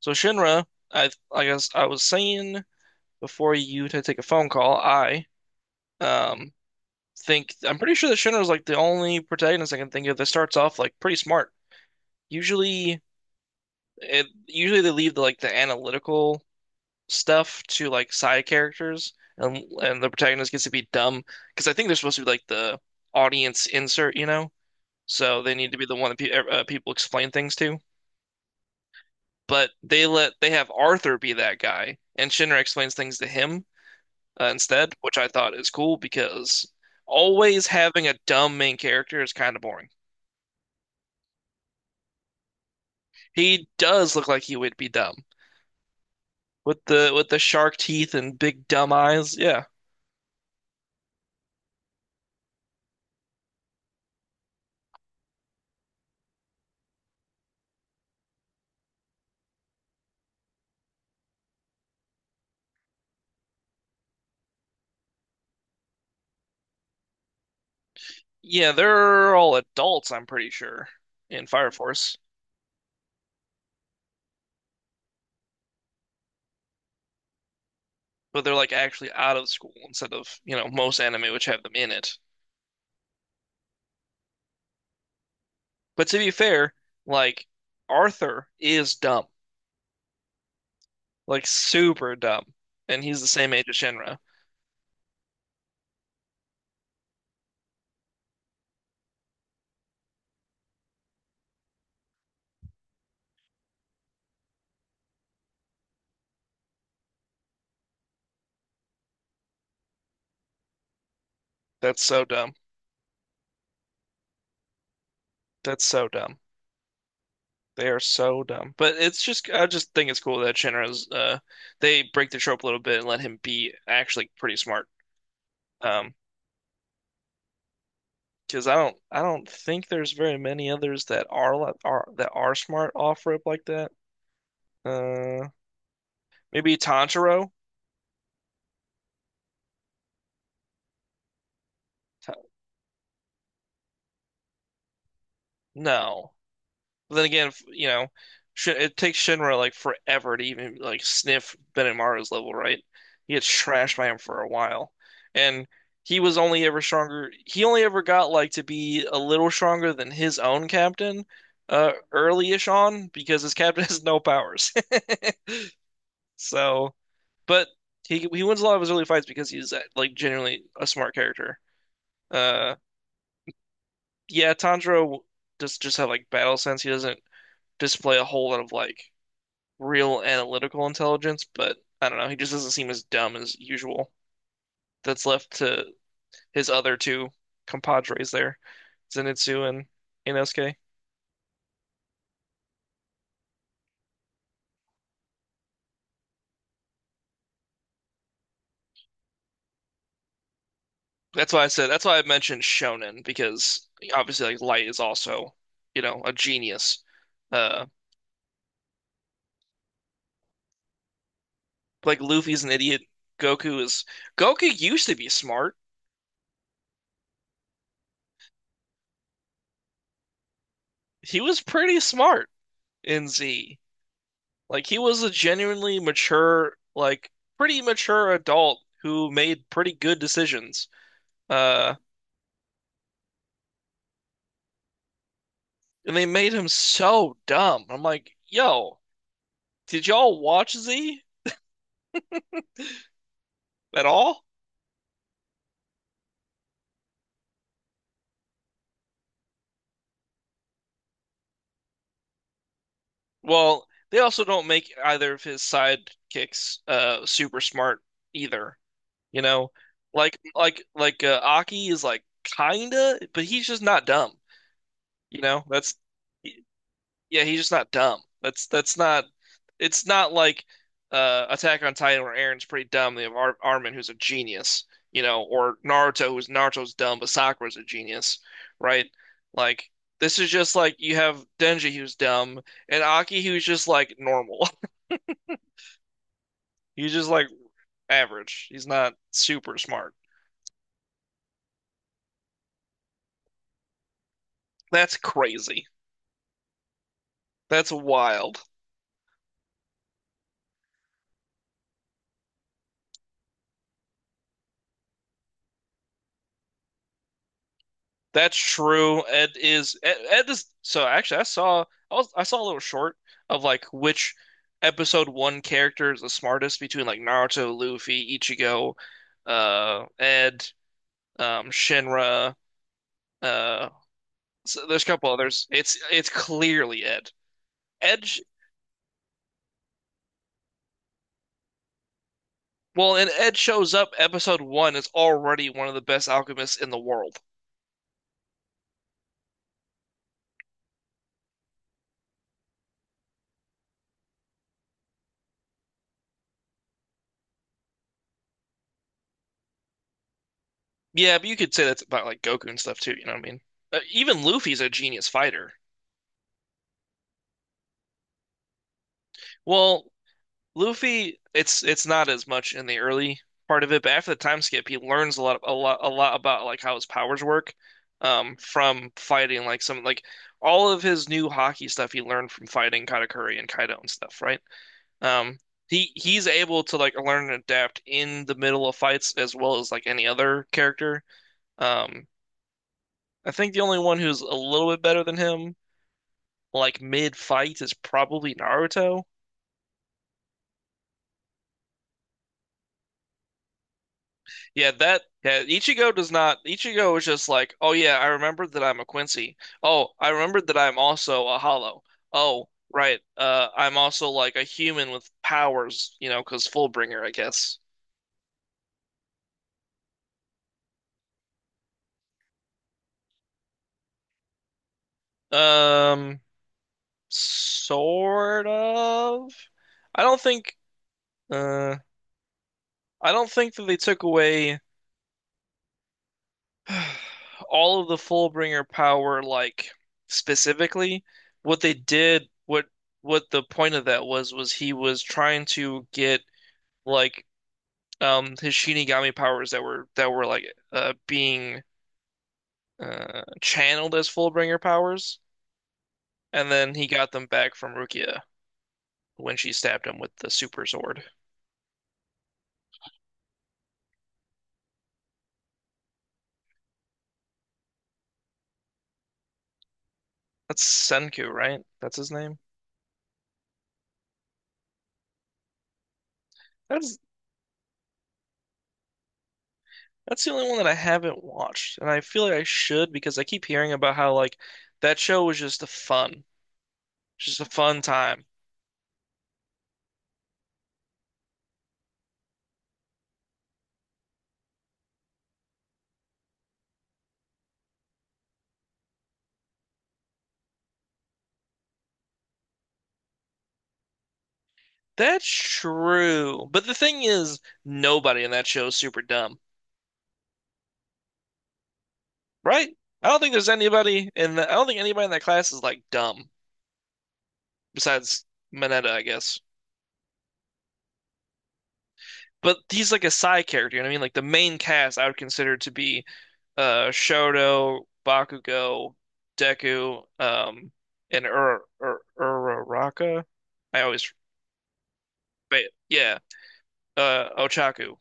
So Shinra, I guess I was saying before you to take a phone call, I um think I'm pretty sure that Shinra's like the only protagonist I can think of that starts off like pretty smart. Usually usually they leave the analytical stuff to like side characters and and the protagonist gets to be dumb because I think they're supposed to be like the audience insert, you know? So they need to be the one that pe people explain things to. But they have Arthur be that guy and Shinra explains things to him instead, which I thought is cool because always having a dumb main character is kind of boring. He does look like he would be dumb with the shark teeth and big dumb eyes. Yeah. Yeah, they're all adults, I'm pretty sure, in Fire Force, but they're like actually out of school instead of, you know, most anime which have them in it. But to be fair, like Arthur is dumb, like super dumb, and he's the same age as Shinra. That's so dumb. That's so dumb. They are so dumb. But it's just I just think it's cool that Shinra's they break the trope a little bit and let him be actually pretty smart. Um, because I don't think there's very many others are that are smart off rope like that. Uh, Maybe Tanjiro? Ta- no. But then again, you know, it takes Shinra like forever to even like sniff Benamaru's level, right? He gets trashed by him for a while, and he was only ever stronger. He only ever got like to be a little stronger than his own captain, early-ish on because his captain has no powers. So, but he wins a lot of his early fights because he's like genuinely a smart character. Uh, yeah, Tanjiro does just have like battle sense. He doesn't display a whole lot of like real analytical intelligence, but I don't know. He just doesn't seem as dumb as usual. That's left to his other two compadres there, Zenitsu and Inosuke. That's why I said, that's why I mentioned shonen because obviously like Light is also, you know, a genius. Uh like Luffy's an idiot. Goku is Goku used to be smart. He was pretty smart in Z. Like he was a genuinely mature, like pretty mature adult who made pretty good decisions. Uh, and they made him so dumb. I'm like, yo, did y'all watch Z at all? Well, they also don't make either of his sidekicks super smart either. You know, like Aki is like kinda, but he's just not dumb. You know, that's yeah, he's just not dumb. That's not. It's not like Attack on Titan where Aaron's pretty dumb. They have Ar Armin who's a genius, you know, or Naruto's dumb, but Sakura's a genius, right? Like this is just like you have Denji who's dumb and Aki who's just like normal. He's just like average. He's not super smart. That's crazy. That's wild. That's true. Ed is so actually I saw I saw a little short of like which episode one character is the smartest between like Naruto, Luffy, Ichigo, Ed, Shinra, uh so there's a couple others. It's clearly Ed. Ed sh- well, and Ed shows up episode one is already one of the best alchemists in the world. Yeah, but you could say that's about like Goku and stuff too, you know what I mean? Even Luffy's a genius fighter. Well, Luffy, it's not as much in the early part of it, but after the time skip, he learns a lot about like how his powers work from fighting like some like all of his new hockey stuff he learned from fighting Katakuri and Kaido and stuff, right? Um he he's able to like learn and adapt in the middle of fights as well as like any other character. Um I think the only one who's a little bit better than him like mid fight is probably Naruto. Yeah, Ichigo does not Ichigo is just like, oh yeah, I remember that I'm a Quincy. Oh, I remember that I'm also a Hollow. Oh, right. I'm also like a human with powers, you know, because Fullbringer, I guess. Um Sort of. I don't think uh I don't think that they took away all of the Fullbringer power, like specifically, what they did, what the point of that was he was trying to get like his Shinigami powers that were like being channeled as Fullbringer powers, and then he got them back from Rukia when she stabbed him with the super sword. That's Senku, right? That's his name. That's That's the only one that I haven't watched, and I feel like I should because I keep hearing about how like that show was just just a fun time. That's true. But the thing is, nobody in that show is super dumb, right? I don't think anybody in that class is like dumb besides Mineta, I guess. But he's like a side character, you know what I mean? Like the main cast I would consider to be Shoto, Bakugo, Deku, and Ur Ur Uraraka. I always but Yeah, Ochaku.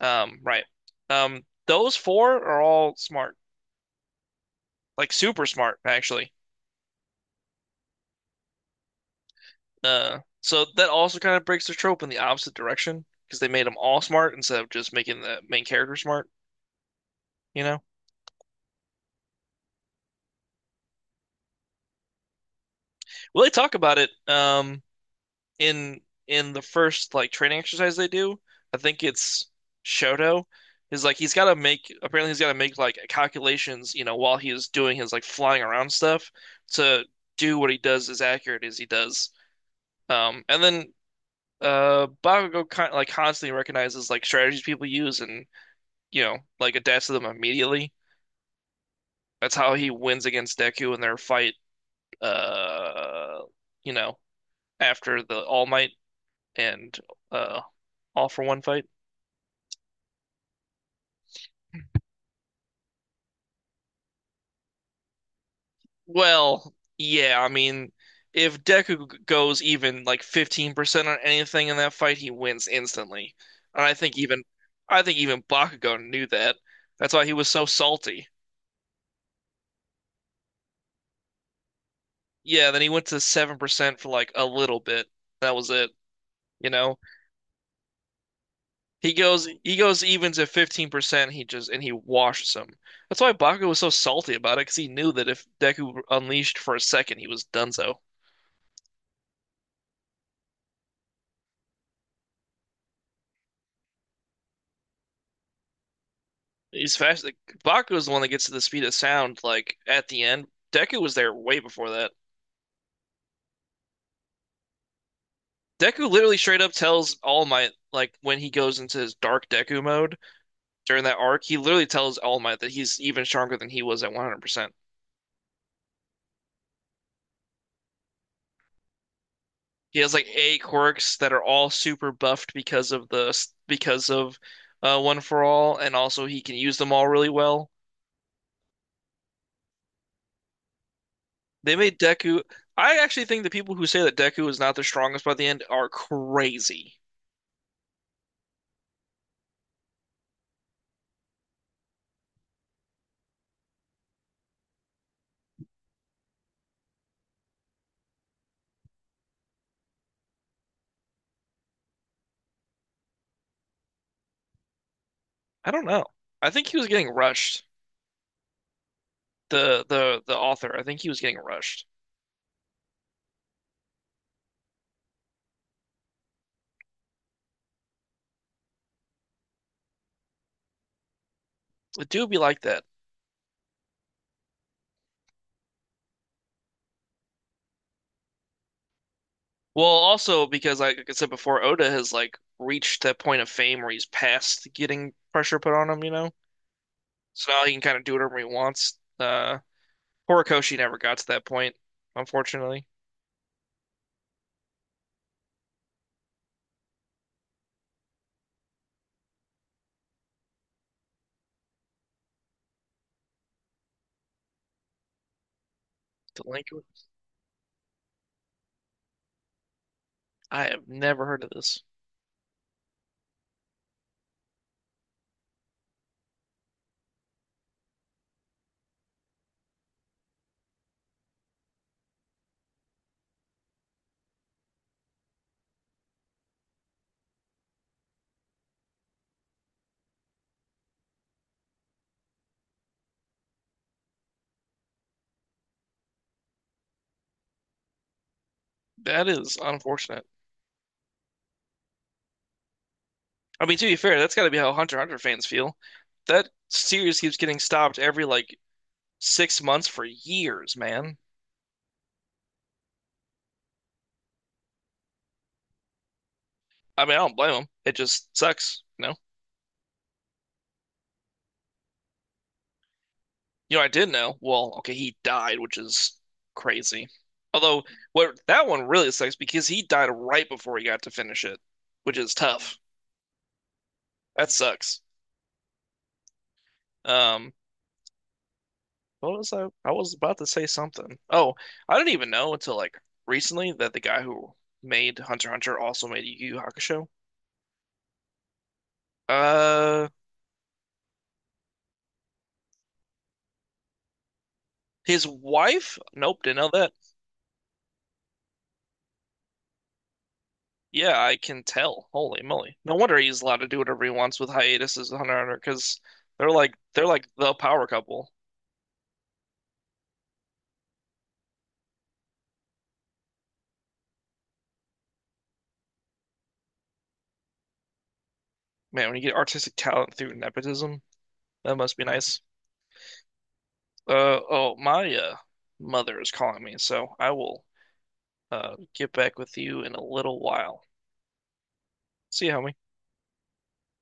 Um, right. Um, those four are all smart. Like super smart actually. So that also kind of breaks the trope in the opposite direction because they made them all smart instead of just making the main character smart, you know? Well, they talk about it in in the first like training exercise they do, I think it's Shoto, is like he's got to make like calculations, you know, while he's doing his like flying around stuff to do what he does as accurate as he does. And then Bakugo kind like constantly recognizes like strategies people use and you know like adapts to them immediately. That's how he wins against Deku in their fight. Uh, you know, after the All Might and uh All for One fight. Well, yeah, I mean, if Deku goes even like 15% on anything in that fight, he wins instantly. And I think even Bakugo knew that. That's why he was so salty. Yeah, then he went to 7% for like a little bit. That was it, you know? He goes even to 15%, he just and he washes him. That's why Bakugo was so salty about it, because he knew that if Deku unleashed for a second, he was donezo. He's fast. Like, Baku is the one that gets to the speed of sound, like, at the end. Deku was there way before that. Deku literally straight up tells All Might, like, when he goes into his dark Deku mode during that arc, he literally tells All Might that he's even stronger than he was at 100%. He has, like, eight quirks that are all super buffed because of because of One for All, and also he can use them all really well. They made Deku. I actually think the people who say that Deku is not the strongest by the end are crazy. I don't know. I think he was getting rushed. The author. I think he was getting rushed. It do be like that. Well, also because like I said before, Oda has like reached that point of fame where he's past getting pressure put on him, you know? So now he can kind of do whatever he wants. Horikoshi never got to that point, unfortunately. Delinquent. I have never heard of this. That is unfortunate. I mean, to be fair, that's got to be how Hunter x Hunter fans feel. That series keeps getting stopped every like 6 months for years, man. I mean, I don't blame them. It just sucks, no. You know, I did know. Well, okay, he died, which is crazy. Although, what that one really sucks because he died right before he got to finish it, which is tough. That sucks. Um, what was I? I was about to say something. Oh, I didn't even know until like recently that the guy who made Hunter x Hunter also made Yu Yu Hakusho. Uh, his wife? Nope, didn't know that. Yeah, I can tell. Holy moly! No wonder he's allowed to do whatever he wants with hiatuses with Hunter x Hunter because they're like the power couple. Man, when you get artistic talent through nepotism, that must be nice. Oh, my mother is calling me, so I will get back with you in a little while. See you, homie.